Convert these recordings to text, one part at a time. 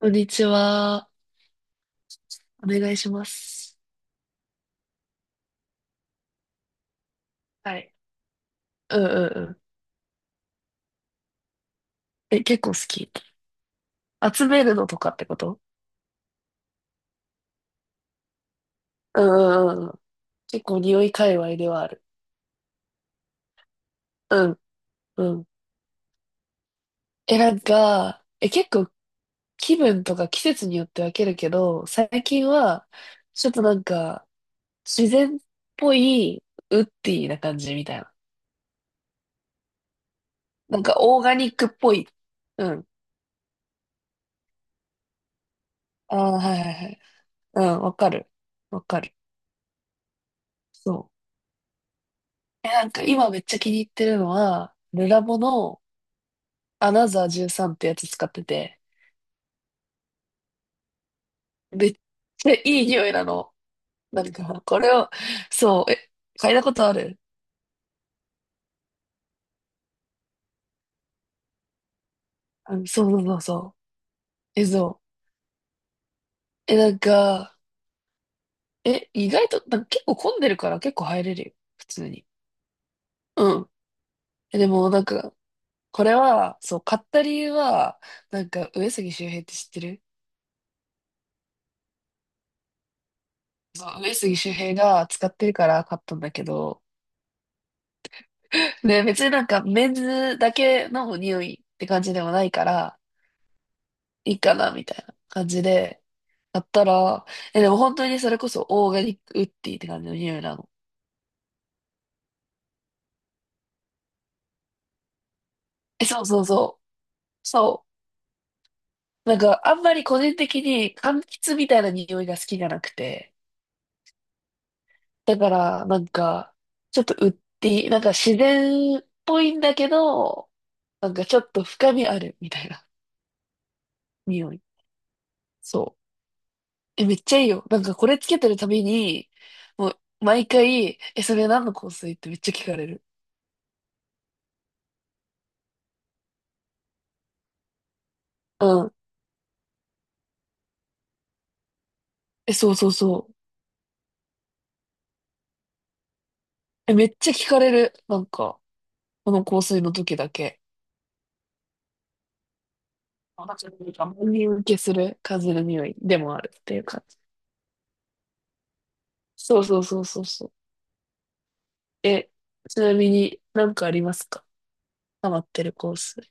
こんにちは。お願いします。はい。うんうんうん。え、結構好き。集めるのとかってこと？うんうんうんうん。結構匂い界隈ではある。うんうん。え、なんか、結構気分とか季節によって分けるけど、最近は、ちょっとなんか、自然っぽい、ウッディな感じみたいな。なんか、オーガニックっぽい。うん。ああ、はいはいはい。うん、わかる。わかる。そう。え、なんか今めっちゃ気に入ってるのは、ルラボのアナザー13ってやつ使ってて、めっちゃいい匂いなの。なんか、これを、そう、え、嗅いだことある？うん、そうそうそうそう。え、そう。え、なんか、意外と、なんか結構混んでるから結構入れるよ。普通に。うん。え、でもなんか、これは、そう、買った理由は、なんか、上杉周平って知ってる？そう、上杉周平が使ってるから買ったんだけど、で、別になんかメンズだけの匂いって感じでもないから、いいかな、みたいな感じで、やったら、え、でも本当にそれこそオーガニックウッディって感じの匂いなの。え、そうそうそう。そう。なんかあんまり個人的に柑橘みたいな匂いが好きじゃなくて。だからなんか、ちょっとウッディ、なんか自然っぽいんだけど、なんかちょっと深みあるみたいな匂い。そう。え、めっちゃいいよ。なんかこれつけてるたびに、もう毎回、え、それ何の香水ってめっちゃ聞かれる。うん。え、そうそうそう。え、めっちゃ聞かれる。なんか、この香水の時だけ。あなんか万人受けする風の匂いでもあるっていう感じ。そうそうそうそうそう。え、ちなみになんかありますか？ハマってる香水。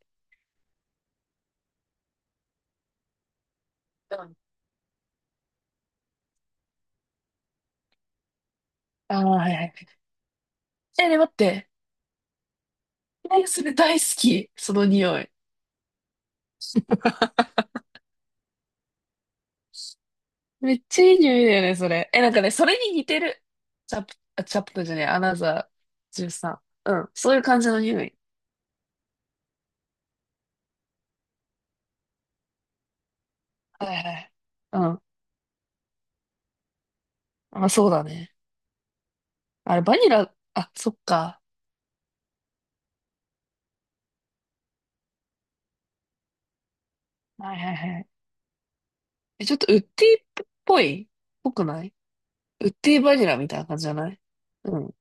うん。ああ、はいはいはい。え、ね待って。え、それ大好き。その匂い。めっちゃいい匂いだよね、それ。え、なんかね、それに似てる。チャプ、あ、チャプターじゃねえ、アナザー13。うん、そういう感じの匂い。はいはい。うん。まあ、そうだね。あれ、バニラ、あ、そっか。はいはいはい。え、ちょっとウッディっぽいっぽくない？ウッディバニラみたいな感じじゃない？うん。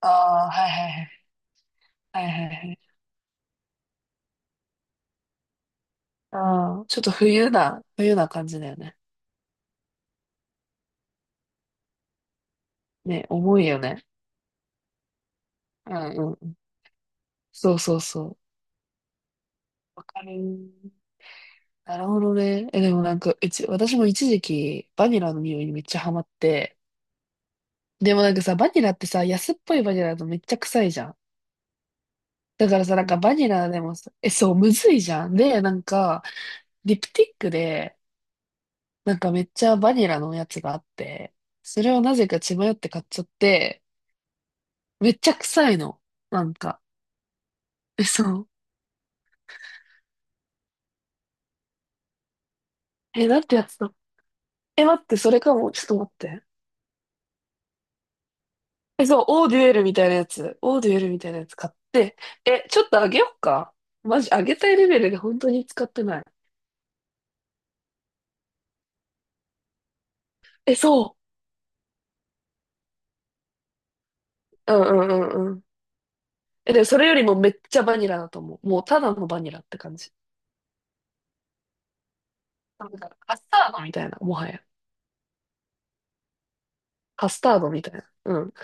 ああ、はいはいはい。はいはいはい。ああ、ちょっと冬な感じだよね。ね、重いよね。うんうんうん。そうそうそう。わかる。なるほどね。え、でもなんか、私も一時期、バニラの匂いにめっちゃハマって、でもなんかさ、バニラってさ、安っぽいバニラだとめっちゃ臭いじゃん。だからさ、なんかバニラでもさ、え、そう、むずいじゃん。で、なんか、リプティックで、なんかめっちゃバニラのやつがあって、それをなぜか血迷って買っちゃって、めっちゃ臭いの。なんか、え、そう。え、なんてやつだ。え、待って、それかも。ちょっと待って。え、そう、オーデュエルみたいなやつ。オーデュエルみたいなやつ買って。え、ちょっとあげよっか。マジ、あげたいレベルで本当に使ってない。え、そう。うんうんうんうん。え、でもそれよりもめっちゃバニラだと思う。もうただのバニラって感じ。なんかカスタードみたいな、もはや。カスタードみたいな。うん。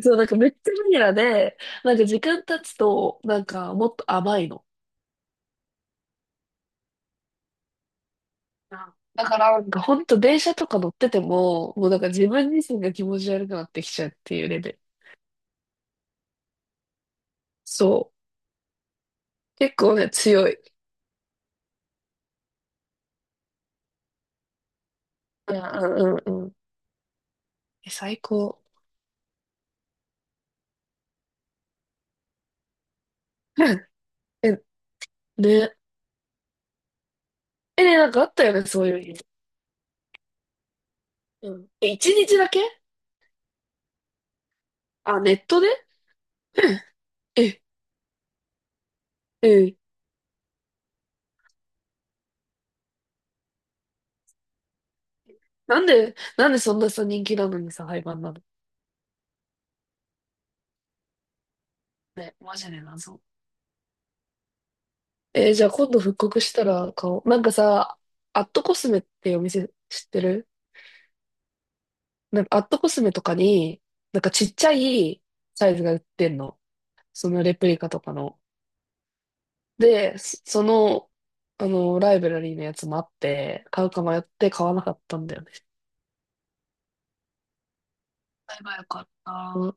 そう、なんかめっちゃバニラで、なんか時間経つと、なんかもっと甘いの。うん。だからなんか本当電車とか乗ってても、もうなんか自分自身が気持ち悪くなってきちゃうっていうレベル。そう。結構ね、強い。いや、うんうんうん。え、最高。え、ね。え、ね、なんかあったよね、そういう日。うん。え、一日だけ？あ、ネットで？うん。 え、なんでそんなさ、人気なのにさ、廃盤なの？ね、マジで謎。えー、じゃあ今度復刻したら買おう。なんかさ、アットコスメっていうお店知ってる？なんかアットコスメとかに、なんかちっちゃいサイズが売ってんの。そのレプリカとかの。で、その、あの、ライブラリーのやつもあって、買うか迷って買わなかったんだよね。買えばよかった。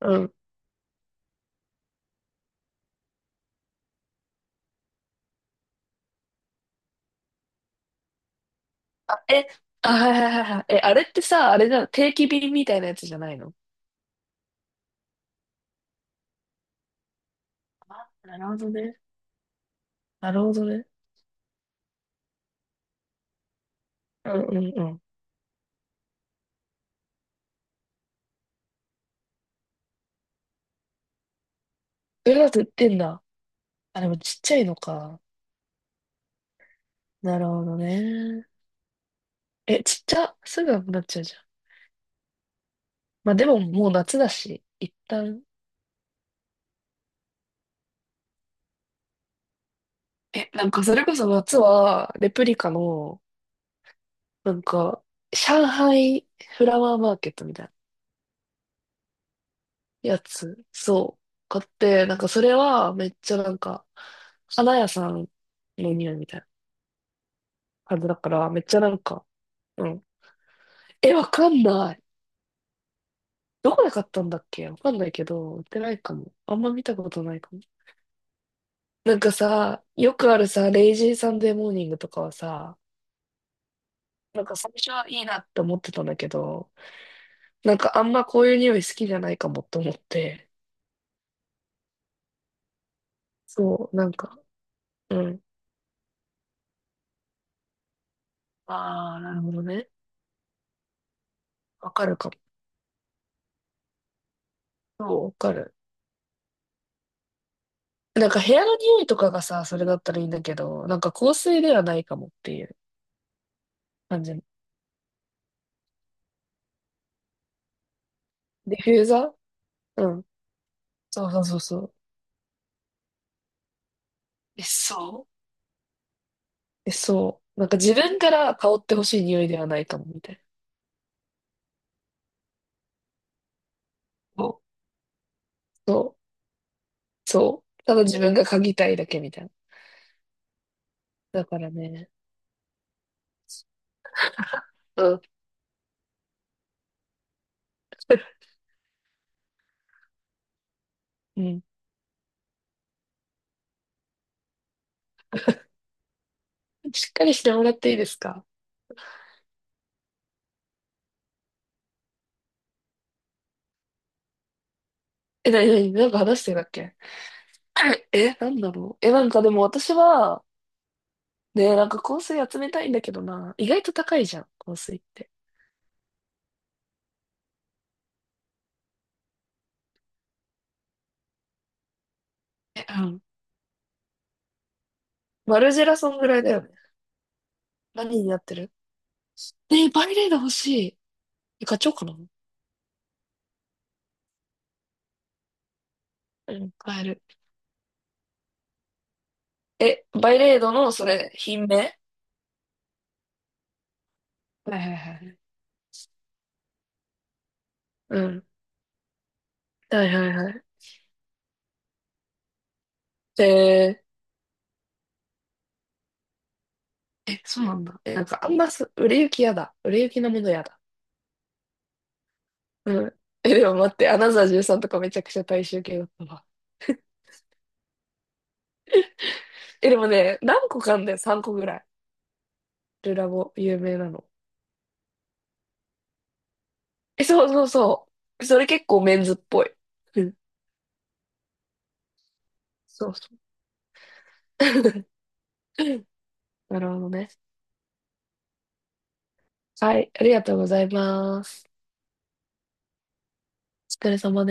うん。あ、え、あ、はいはいはいはい。え、あれってさ、あれじゃん、定期便みたいなやつじゃないの？あ、なるほどね。なるほどね。うんうんうん。それだと売ってんだ。あ、でもちっちゃいのか。なるほどね。え、ちっちゃ、すぐなくなっちゃうじゃん。まあでももう夏だし、一旦。え、なんかそれこそ夏は、レプリカの、なんか、上海フラワーマーケットみたいなやつ、そう、買って、なんかそれはめっちゃなんか、花屋さんの匂いみたいな感じだから、めっちゃなんか、うん。え、わかんない。どこで買ったんだっけ？わかんないけど、売ってないかも。あんま見たことないかも。なんかさ、よくあるさ、レイジーサンデーモーニングとかはさ、なんか最初はいいなって思ってたんだけど、なんかあんまこういう匂い好きじゃないかもって思って、そう、なんか、うん。ああ、なるほどね。わかるかも。そうわかる。なんか部屋の匂いとかがさ、それだったらいいんだけど、なんか香水ではないかもっていう感じ。ディフューザー。うん。そうそうそうそう。え、そう。え、そう。なんか自分から香ってほしい匂いではないかも、みたいな。そう。そう。そうただ自分が嗅ぎたいだけみたいな。だからね。うん。うん。しっかりしてもらっていいですか？え、なになに？なんか話してたっけ？ え、なんだろう？え、なんかでも私は、ねえ、なんか香水集めたいんだけどな。意外と高いじゃん、香水って。え？うん。マルジェラそんぐらいだよね。何になってる？えー、バイレード欲しい。え、買っちゃおうかな。うん、買える。え、バイレードの、それ、品名？はいはいはい。うん。はいはいはい。ええ、そうなんだ。え、なんかあんます、売れ行きやだ。売れ行きのものやだ。うん。え、でも待って、アナザー13とかめちゃくちゃ大衆系だったわ。え、でもね、何個かあんだよ、3個ぐらい。ルラボ、有名なの。え、そうそうそう。それ結構メンズっぽい。うん。そうそう。なるほどね。はい。ありがとうございます。お疲れ様です。